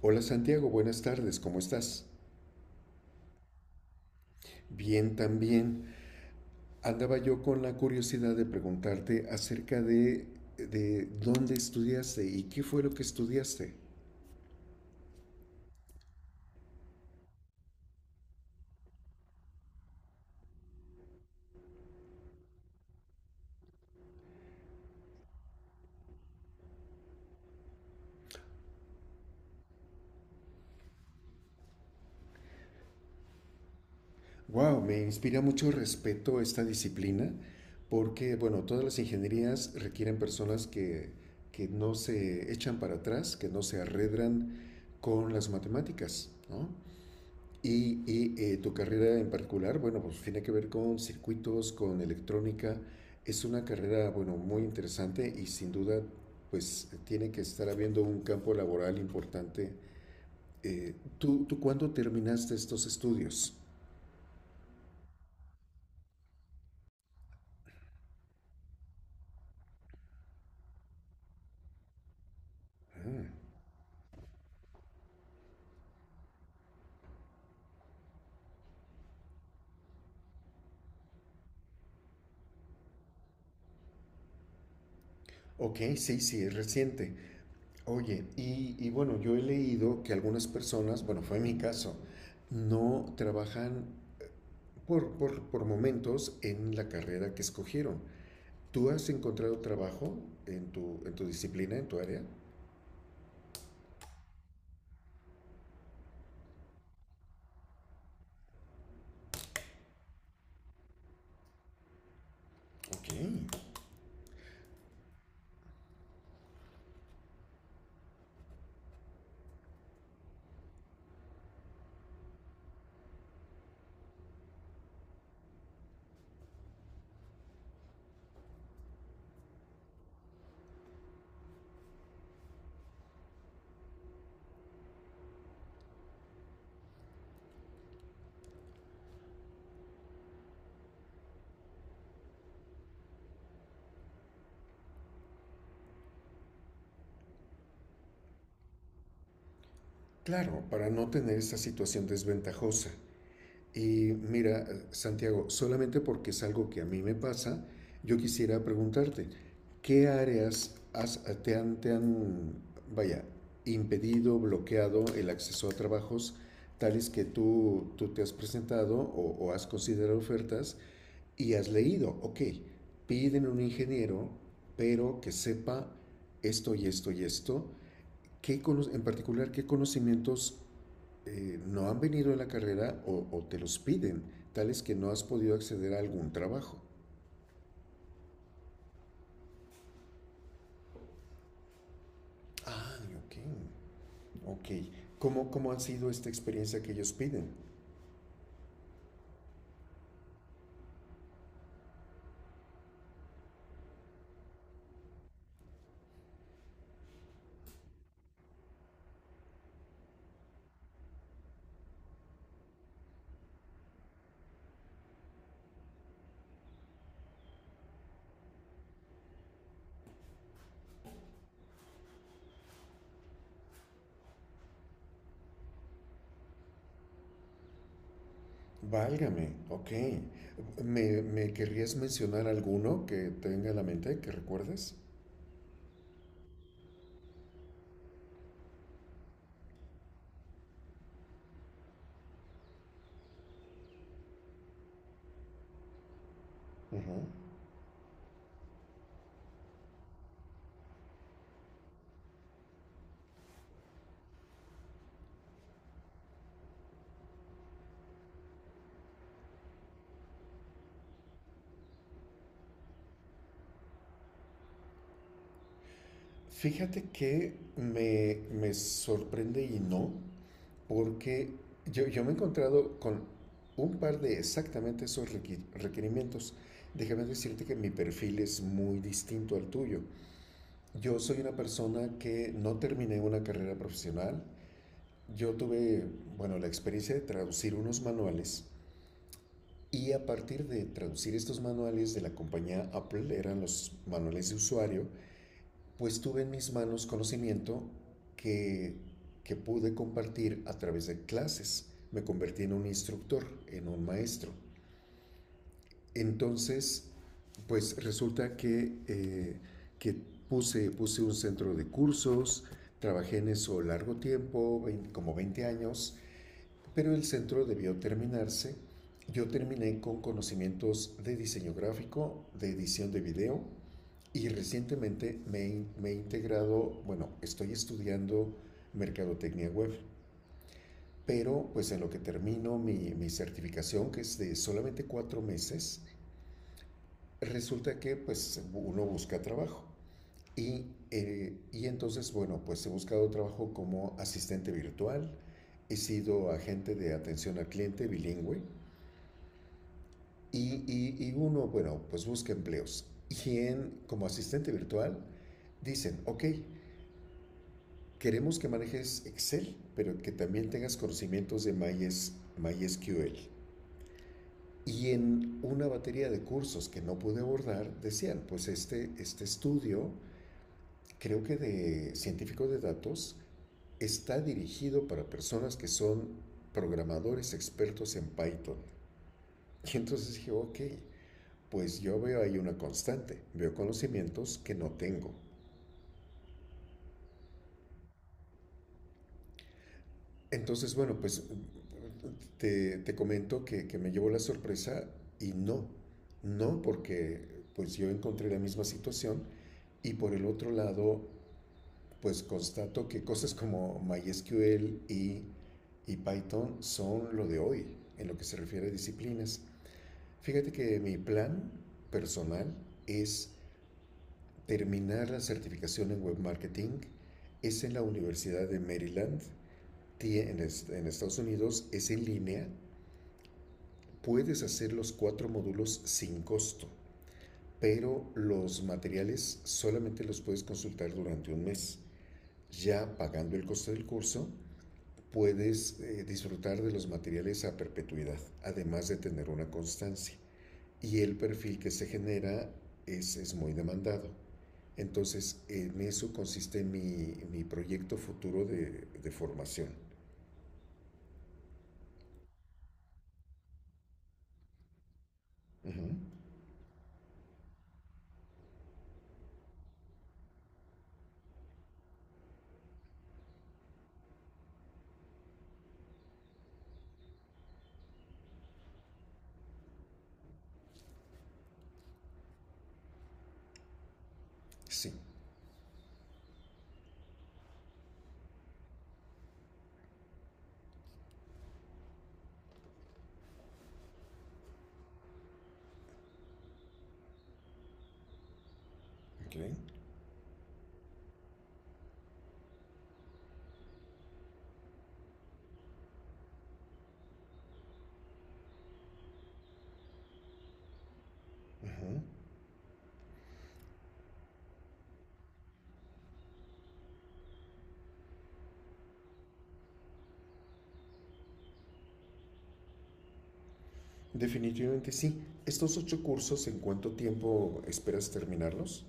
Hola Santiago, buenas tardes, ¿cómo estás? Bien también. Andaba yo con la curiosidad de preguntarte acerca de dónde estudiaste y qué fue lo que estudiaste. Wow, me inspira mucho respeto esta disciplina porque, bueno, todas las ingenierías requieren personas que no se echan para atrás, que no se arredran con las matemáticas, ¿no? Tu carrera en particular, bueno, pues tiene que ver con circuitos, con electrónica. Es una carrera, bueno, muy interesante y sin duda, pues tiene que estar habiendo un campo laboral importante. ¿Tú cuándo terminaste estos estudios? Ah, ok, sí, sí, es reciente. Oye, y bueno, yo he leído que algunas personas, bueno, fue mi caso, no trabajan por momentos en la carrera que escogieron. ¿Tú has encontrado trabajo en tu disciplina, en tu área? Ok. Claro, para no tener esa situación desventajosa. Y mira, Santiago, solamente porque es algo que a mí me pasa, yo quisiera preguntarte, ¿qué áreas has- vaya, impedido, bloqueado el acceso a trabajos tales que tú te has presentado o has considerado ofertas y has leído, ok, piden un ingeniero, pero que sepa esto y esto y esto. ¿Qué cono- en particular qué conocimientos no han venido en la carrera o te los piden, tales que no has podido acceder a algún trabajo? Ah, ok, ok. ¿Cómo ha sido esta experiencia que ellos piden? Válgame, ok. ¿Me querrías mencionar alguno que tenga en la mente, que recuerdes? Ujú. Fíjate que me sorprende y no, porque yo me he encontrado con un par de exactamente esos requerimientos. Déjame decirte que mi perfil es muy distinto al tuyo. Yo soy una persona que no terminé una carrera profesional. Yo tuve, bueno, la experiencia de traducir unos manuales y a partir de traducir estos manuales de la compañía Apple, eran los manuales de usuario, pues tuve en mis manos conocimiento que, que pude compartir a través de clases. Me convertí en un instructor, en un maestro. Entonces, pues resulta que puse un centro de cursos, trabajé en eso largo tiempo, como 20 años, pero el centro debió terminarse. Yo terminé con conocimientos de diseño gráfico, de edición de video, y recientemente me he integrado, bueno, estoy estudiando mercadotecnia web, pero pues en lo que termino mi certificación, que es de solamente 4 meses, resulta que pues uno busca trabajo. Y, y entonces, bueno, pues he buscado trabajo como asistente virtual, he sido agente de atención al cliente bilingüe y, y uno, bueno, pues busca empleos. Y en, como asistente virtual, dicen, ok, queremos que manejes Excel, pero que también tengas conocimientos de MySQL. Y en una batería de cursos que no pude abordar, decían, pues este estudio, creo que de científicos de datos, está dirigido para personas que son programadores expertos en Python. Y entonces dije, ok, pues yo veo ahí una constante, veo conocimientos que no tengo. Entonces, bueno, pues te comento que me llevó la sorpresa y no, no porque pues yo encontré la misma situación y por el otro lado, pues constato que cosas como MySQL y Python son lo de hoy en lo que se refiere a disciplinas. Fíjate que mi plan personal es terminar la certificación en web marketing, es en la Universidad de Maryland, en Estados Unidos, es en línea. Puedes hacer los cuatro módulos sin costo, pero los materiales solamente los puedes consultar durante un mes. Ya pagando el costo del curso, puedes disfrutar de los materiales a perpetuidad, además de tener una constancia. Y el perfil que se genera es muy demandado. Entonces, en eso consiste mi proyecto futuro de formación. Ujú, sí. Okay. Ujú. Definitivamente sí. ¿Estos ocho cursos en cuánto tiempo esperas terminarlos?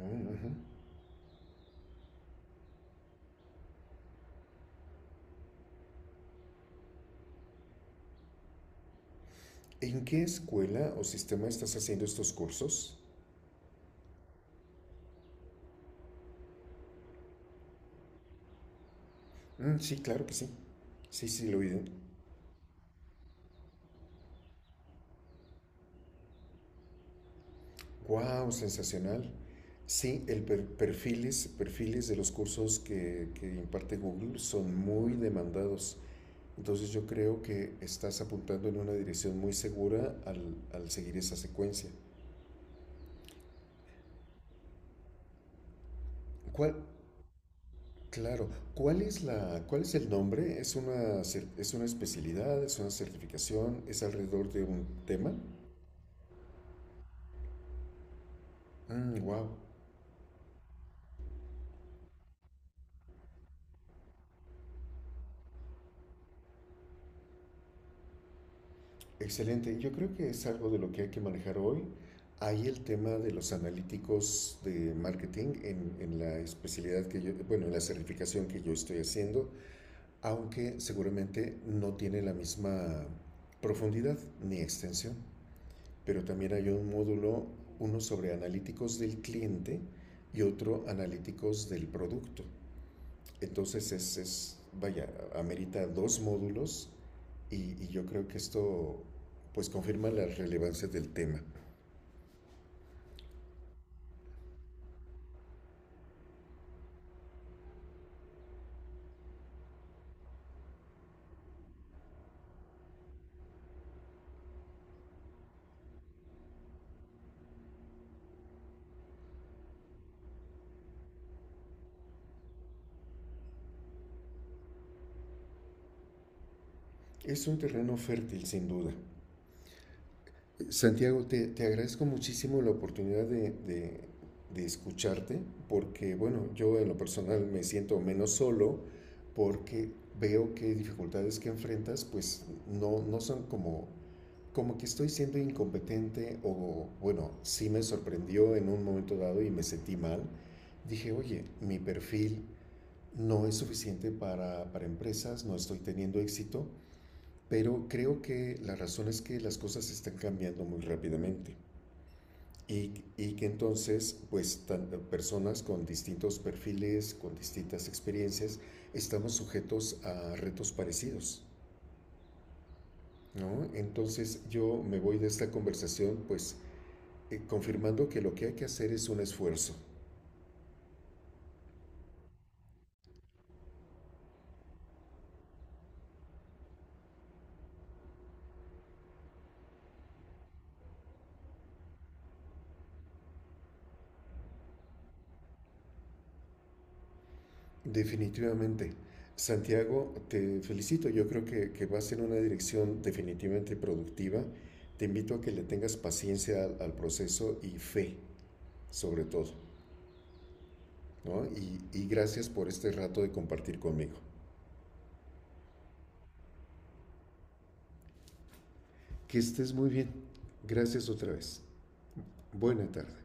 Mm, ujú. ¿En qué escuela o sistema estás haciendo estos cursos? Mm, sí, claro que sí. Sí, sí, lo oí. ¡Wow! Sensacional. Sí, el perfiles de los cursos que imparte Google son muy demandados. Entonces yo creo que estás apuntando en una dirección muy segura al seguir esa secuencia. ¿Cuál, Claro. ¿Cuál es el nombre? ¿Es una especialidad? ¿Es una certificación? ¿Es alrededor de un tema? Wow. Excelente. Yo creo que es algo de lo que hay que manejar hoy. Hay el tema de los analíticos de marketing en la especialidad que yo, bueno, en la certificación que yo estoy haciendo, aunque seguramente no tiene la misma profundidad ni extensión. Pero también hay un módulo, uno sobre analíticos del cliente y otro analíticos del producto. Entonces es vaya, amerita dos módulos y, y yo creo que esto pues confirma la relevancia del tema. Es un terreno fértil sin duda. Santiago, te agradezco muchísimo la oportunidad escucharte, porque bueno, yo en lo personal me siento menos solo, porque veo que dificultades que enfrentas pues no, no son como, que estoy siendo incompetente o bueno, sí me sorprendió en un momento dado y me sentí mal. Dije, oye, mi perfil no es suficiente para empresas, no estoy teniendo éxito, pero creo que la razón es que las cosas están cambiando muy rápidamente. Y que entonces, pues, personas con distintos perfiles, con distintas experiencias, estamos sujetos a retos parecidos, ¿no? Entonces yo me voy de esta conversación, pues, confirmando que lo que hay que hacer es un esfuerzo, definitivamente. Santiago, te felicito, yo creo que vas en una dirección definitivamente productiva. Te invito a que le tengas paciencia al proceso y fe, sobre todo. ¿No? Y gracias por este rato de compartir conmigo. Que estés muy bien. Gracias otra vez. Buena tarde.